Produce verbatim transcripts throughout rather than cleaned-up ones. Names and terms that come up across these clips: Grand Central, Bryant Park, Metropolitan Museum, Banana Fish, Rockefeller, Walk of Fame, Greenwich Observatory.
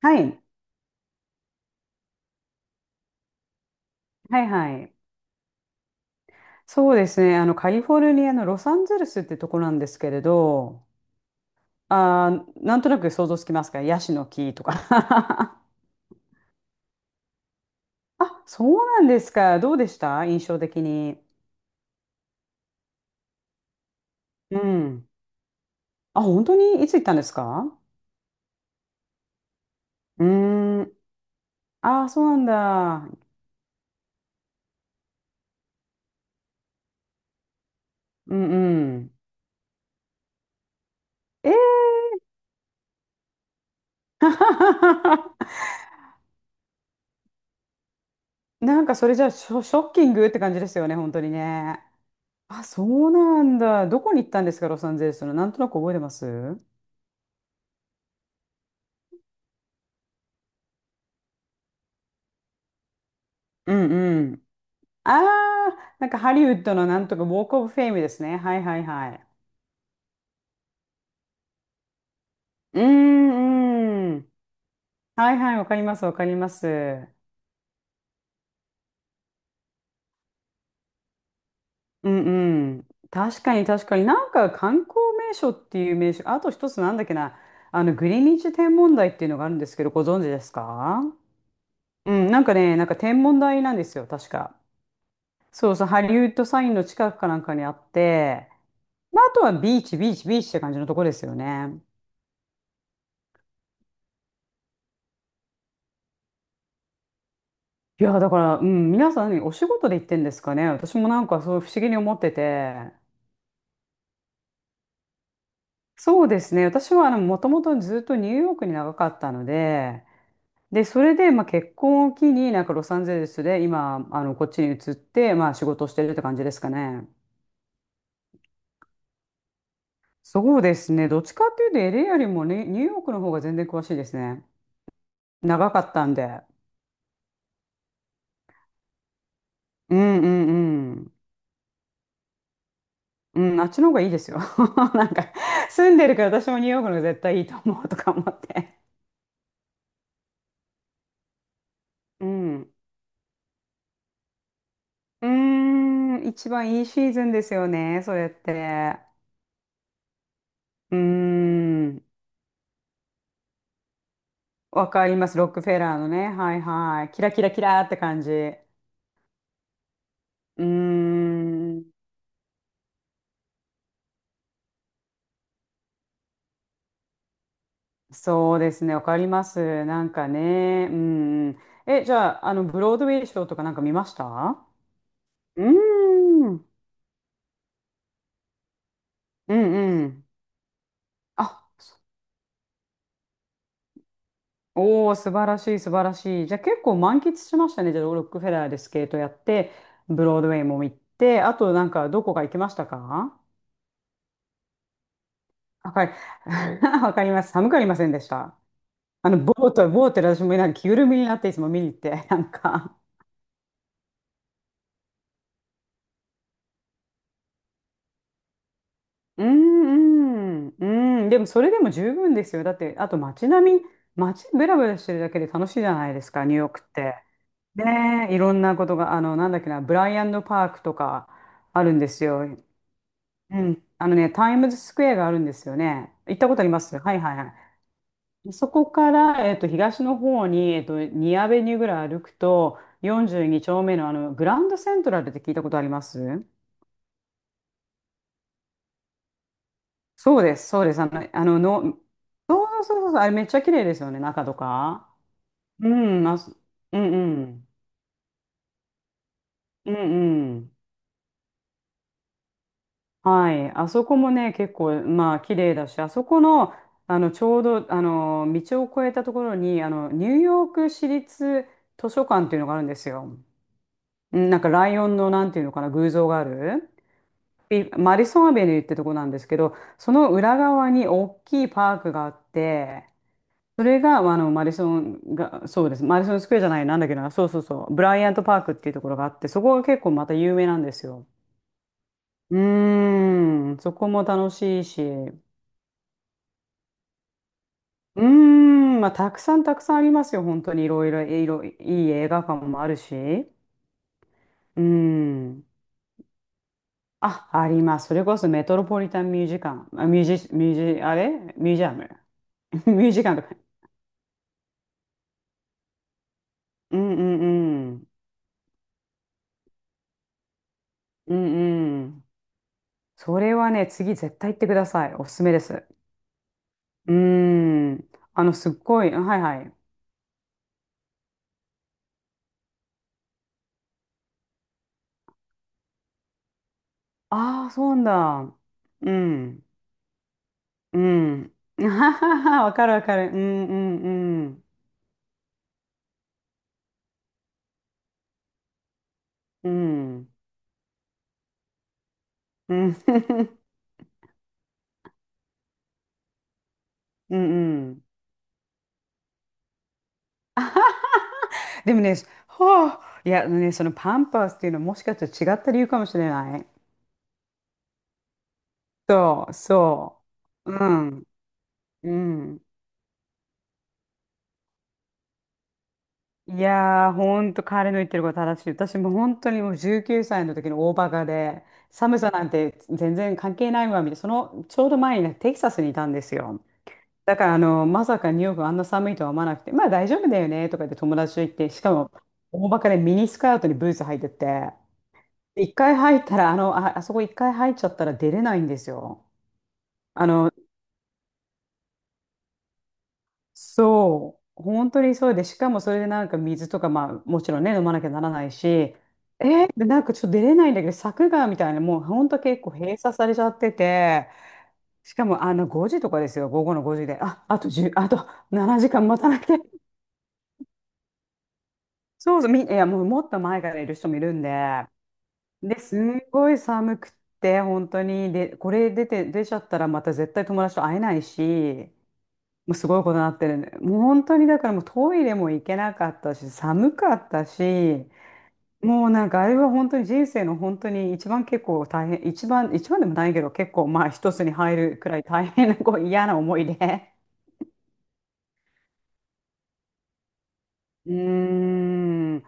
はい、はいはい。そうですね。あの、カリフォルニアのロサンゼルスってとこなんですけれど、あー、なんとなく想像つきますか？ヤシの木とか。あ、そうなんですか。どうでした印象的に？うん。あ、本当に？いつ行ったんですか？うーん。あー、そうなんだ。うんうん。えー なんかそれじゃあショ、ショッキングって感じですよね、本当にね。あ、そうなんだ。どこに行ったんですか、ロサンゼルスの？なんとなく覚えてます？うんうん。ああ、なんかハリウッドのなんとかウォークオブフェイムですね。はいはいはい。うんうん。はいはい、わかりますわかります。うんうん。確かに確かに。なんか観光名所っていう名所、あと一つなんだっけな、あのグリニッジ天文台っていうのがあるんですけど、ご存知ですか？うん、なんかね、なんか天文台なんですよ、確か。そうそう、ハリウッドサインの近くかなんかにあって、まあ、あとはビーチ、ビーチ、ビーチって感じのとこですよね。いや、だから、うん、皆さん何お仕事で行ってんですかね。私もなんかそう不思議に思ってて。そうですね。私はあの、もともとずっとニューヨークに長かったので、で、それで、まあ、結婚を機になんかロサンゼルスで今、あの、こっちに移って、まあ、仕事をしてるって感じですかね。そうですね。どっちかっていうとエ a よりもね、ニューヨークの方が全然詳しいですね。長かったんで。うんうんうん。うん、あっちの方がいいですよ。なんか、住んでるから私もニューヨークの方が絶対いいと思うとか思って。うん。うーん、一番いいシーズンですよね、それって。うーん、わかります、ロックフェラーのね。はいはい。キラキラキラーって感じ。うーん、そうですね、わかります。なんかね、うん。え、じゃあ、あの、ブロードウェイショーとかなんか見ました？うーん、うんうん。あ、そ、おー、素晴らしい、素晴らしい。じゃあ結構満喫しましたね。じゃあ、ロックフェラーでスケートやって、ブロードウェイも行って、あとなんかどこか行きましたか？わかり、わかります。寒くありませんでした？あの、ボート、ボートで私もなんか着ぐるみになっていつも見に行って、なんか。うんうんうん。でもそれでも十分ですよ。だって、あと街並み、街ブラブラしてるだけで楽しいじゃないですか、ニューヨークって。ねえ、いろんなことが、あの、なんだっけな、ブライアンドパークとか、あるんですよ。うん。あのね、タイムズスクエアがあるんですよね。行ったことあります？はいはいはい。そこから、えっと、東の方に、えっと、にアベニューぐらい歩くと、よんじゅうに丁目の、あのグランドセントラルって聞いたことあります？そうです、そうです。あの、あの、のそうそうそうそう、あれめっちゃ綺麗ですよね、中とか。うん、あそ、うんうん。うんうん。はい。あそこもね、結構、まあ、綺麗だし、あそこの、あの、ちょうど、あの、道を越えたところに、あの、ニューヨーク市立図書館っていうのがあるんですよ。うん。なんか、ライオンの、なんていうのかな、偶像がある。ピマディソンアベニューってとこなんですけど、その裏側に大きいパークがあって、それが、あの、マディソンが、そうです。マディソンスクエアじゃない、なんだっけな、そうそうそう、ブライアントパークっていうところがあって、そこが結構また有名なんですよ。うーん、そこも楽しいし、うーん、まあ、たくさんたくさんありますよ、本当にいろいろ、いろ、いい映画館もあるし、うーん。あ、あります。それこそメトロポリタンミュージカン、あミュージ、ミュージ、あれミュージアム。ミュージカンとか。うんうんうん。うんうん。それはね、次絶対行ってください。おすすめです。うん。あの、すっごい。はいはい。ああ、そうなんだ。うん。うん。あはははわかるわかる。うんうんうん。うん。うん。うんうん。でもね、はあ、いや、あのね、そのパンパースっていうのはもしかしたら違った理由かもしれない。そう、そう。うん。うん。いやー、ほんと彼の言ってること正しい。私も本当にもうじゅうきゅうさいの時の大バカで、寒さなんて全然関係ないわ、みたいな。そのちょうど前にねテキサスにいたんですよ。だからあの、まさかニューヨークあんな寒いとは思わなくて、まあ大丈夫だよねとか言って友達と言って、しかも大バカでミニスカートにブーツ履いてって、一回入ったら、あの、あ、あそこ一回入っちゃったら出れないんですよ。あの、そう、本当にそうで、しかもそれでなんか水とか、まあもちろんね、飲まなきゃならないし、えーで、なんかちょっと出れないんだけど、柵がみたいな、もう本当結構閉鎖されちゃってて、しかもあのごじとかですよ、午後のごじで、あ、あと10、あとななじかん待たなきゃ、そうそう、み、いや、もうもっと前からいる人もいるんで、で、すんごい寒くって、本当に、で、これ出て、出ちゃったらまた絶対友達と会えないし、もうすごいことになってるね。もう本当にだからもうトイレも行けなかったし、寒かったし、もうなんかあれは本当に人生の本当に一番結構大変、一番、一番でもないけど結構まあ一つに入るくらい大変なこう嫌な思いで。うーん。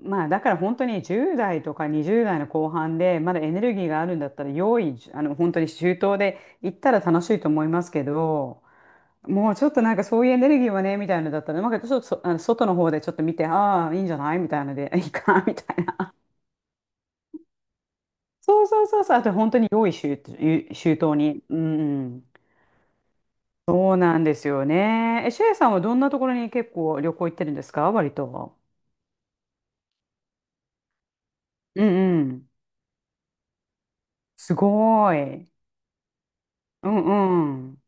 まあだから本当にじゅう代とかにじゅう代の後半でまだエネルギーがあるんだったら用意あの本当に周到で行ったら楽しいと思いますけど、もうちょっとなんかそういうエネルギーはねみたいなのだったらなんかちょっとそあの外の方でちょっと見てああーいいんじゃないみたいなので いいかみたいな。そうそうそうそう、あと本当に用意周、周到に。うんうん。そうなんですよね。えシェイさんはどんなところに結構旅行行ってるんですか、割と？うんうん。すごい。うんうん。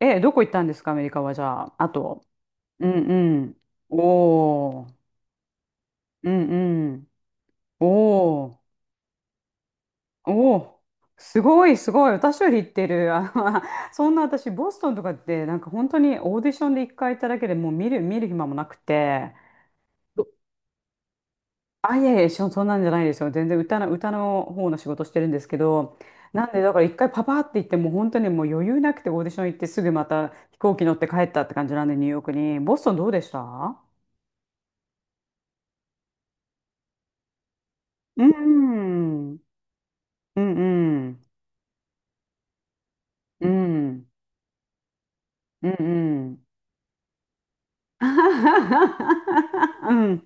え、どこ行ったんですか、アメリカは、じゃあ。あと。うんうん。おー。うんうん。おー。おー。すごい、すごい。私より行ってる。あの そんな、私、ボストンとかって、なんか本当にオーディションで一回行っただけでもう見る、見る暇もなくて。どあ、いやいや、そそんなんじゃないですよ。全然歌の、歌の方の仕事してるんですけど。なんで、だから一回パパって行って、もう本当にもう余裕なくてオーディション行ってすぐまた飛行機乗って帰ったって感じなんで、ニューヨークに。ボストンどうでした？うん、うんうん、うん、うんうん。あはははうん。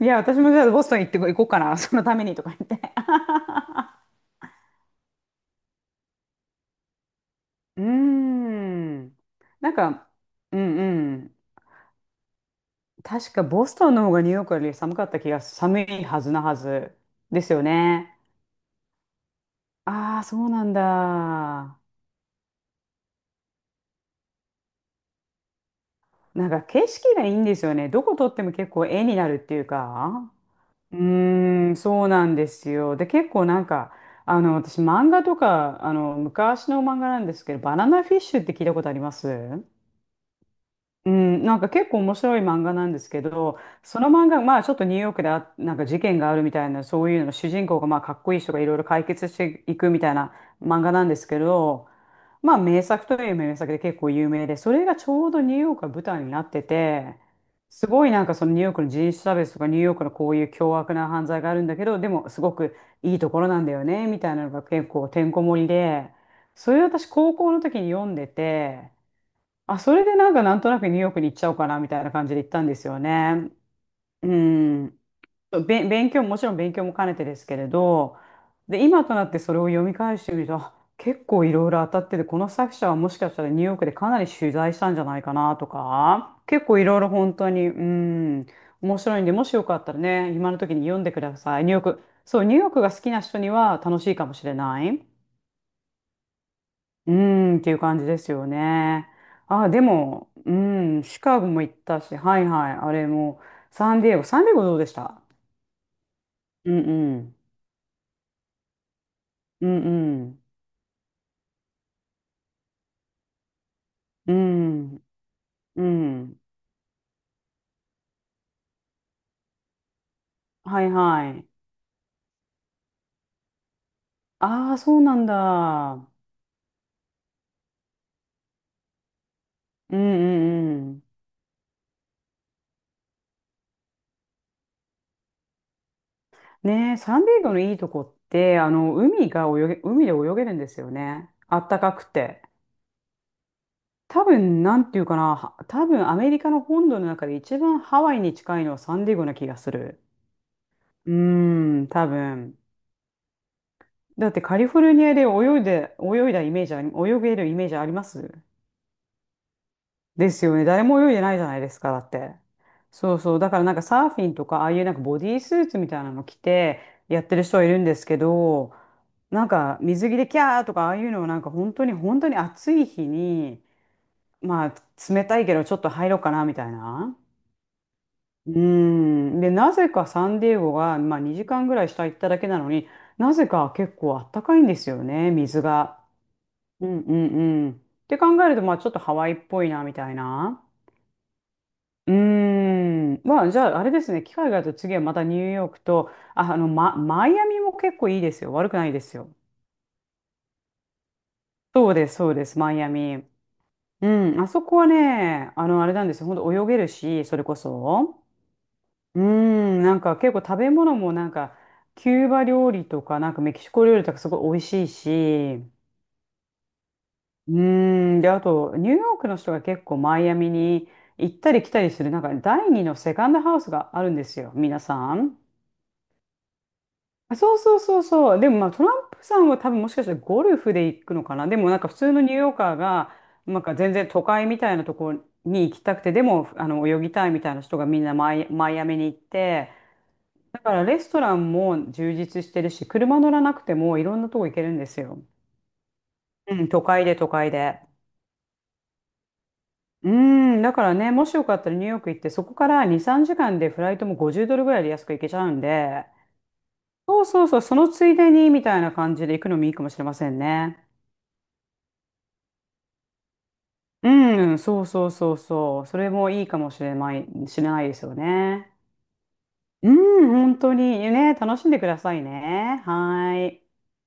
いや、私もじゃあボストン行ってこ行こうかな、そのためにとか言って。うーん。なんか、うんうん。確かボストンの方がニューヨークより寒かった気が、寒いはずなはずですよね。ああ、そうなんだ。なんか景色がいいんですよね。どこ撮っても結構絵になるっていうか。うーん、そうなんですよ。で、結構なんか、あの、私、漫画とか、あの、昔の漫画なんですけど、バナナフィッシュって聞いたことあります？うん、なんか結構面白い漫画なんですけど、その漫画、まあちょっとニューヨークであなんか事件があるみたいな、そういうの、主人公がまあかっこいい人がいろいろ解決していくみたいな漫画なんですけど、まあ名作という名作で結構有名で、それがちょうどニューヨークが舞台になってて、すごいなんかそのニューヨークの人種差別とかニューヨークのこういう凶悪な犯罪があるんだけど、でもすごくいいところなんだよね、みたいなのが結構てんこ盛りで、それを私高校の時に読んでて、あ、それでなんかなんとなくニューヨークに行っちゃおうかなみたいな感じで行ったんですよね。うん。べ、勉強も、もちろん勉強も兼ねてですけれど、で、今となってそれを読み返してみると、あ結構いろいろ当たってて、この作者はもしかしたらニューヨークでかなり取材したんじゃないかなとか、結構いろいろ本当に、うん、面白いんで、もしよかったらね、今の時に読んでください。ニューヨーク、そう、ニューヨークが好きな人には楽しいかもしれない。うーん、っていう感じですよね。あ、でも、うん、シカゴも行ったし、はいはい、あれも、サンディエゴ、サンディエゴどうでした？うんうん、うんうん、うん、うん、はいはい。ああ、そうなんだ。うんうんうん。ねえ、サンディエゴのいいとこって、あの、海が泳げ、海で泳げるんですよね。あったかくて。多分、なんていうかな、は多分アメリカの本土の中で一番ハワイに近いのはサンディエゴな気がする。うーん、多分。だってカリフォルニアで泳いで、泳いだイメージあり、泳げるイメージあります？ですよね。誰も泳いでないじゃないですか、だって。そうそう。だからなんかサーフィンとか、ああいうなんかボディースーツみたいなの着てやってる人はいるんですけど、なんか水着でキャーとか、ああいうのをなんか本当に本当に暑い日に、まあ冷たいけどちょっと入ろうかなみたいな。うーん。で、なぜかサンディエゴが、まあ、にじかんぐらい下行っただけなのになぜか結構あったかいんですよね、水が。うんうんうん。って考えると、まあ、ちょっとハワイっぽいな、みたいな。うーん。まあ、じゃあ、あれですね。機会があると次はまたニューヨークと、あ、あの、ま、マイアミも結構いいですよ。悪くないですよ。そうです、そうです、マイアミ。うん。あそこはね、あの、あれなんですよ。ほんと泳げるし、それこそ。うーん、なんか結構食べ物もなんか、キューバ料理とか、なんかメキシコ料理とかすごい美味しいし、うーん、で、あと、ニューヨークの人が結構マイアミに行ったり来たりする、なんか第二のセカンドハウスがあるんですよ、皆さん。あそうそうそうそう。でもまあトランプさんは多分もしかしたらゴルフで行くのかな。でもなんか普通のニューヨーカーが、なんか全然都会みたいなところに行きたくて、でもあの泳ぎたいみたいな人がみんなマイ、マイアミに行って、だからレストランも充実してるし、車乗らなくてもいろんなとこ行けるんですよ。うん、都会で都会で。うん、だからね、もしよかったらニューヨーク行って、そこからに、さんじかんでフライトもごじゅうドルぐらいで安く行けちゃうんで、そうそうそう、そのついでにみたいな感じで行くのもいいかもしれませんね。うん、そうそうそうそう、それもいいかもしれない、しれないですよね。うん、本当にね、楽しんでくださいね。はーい。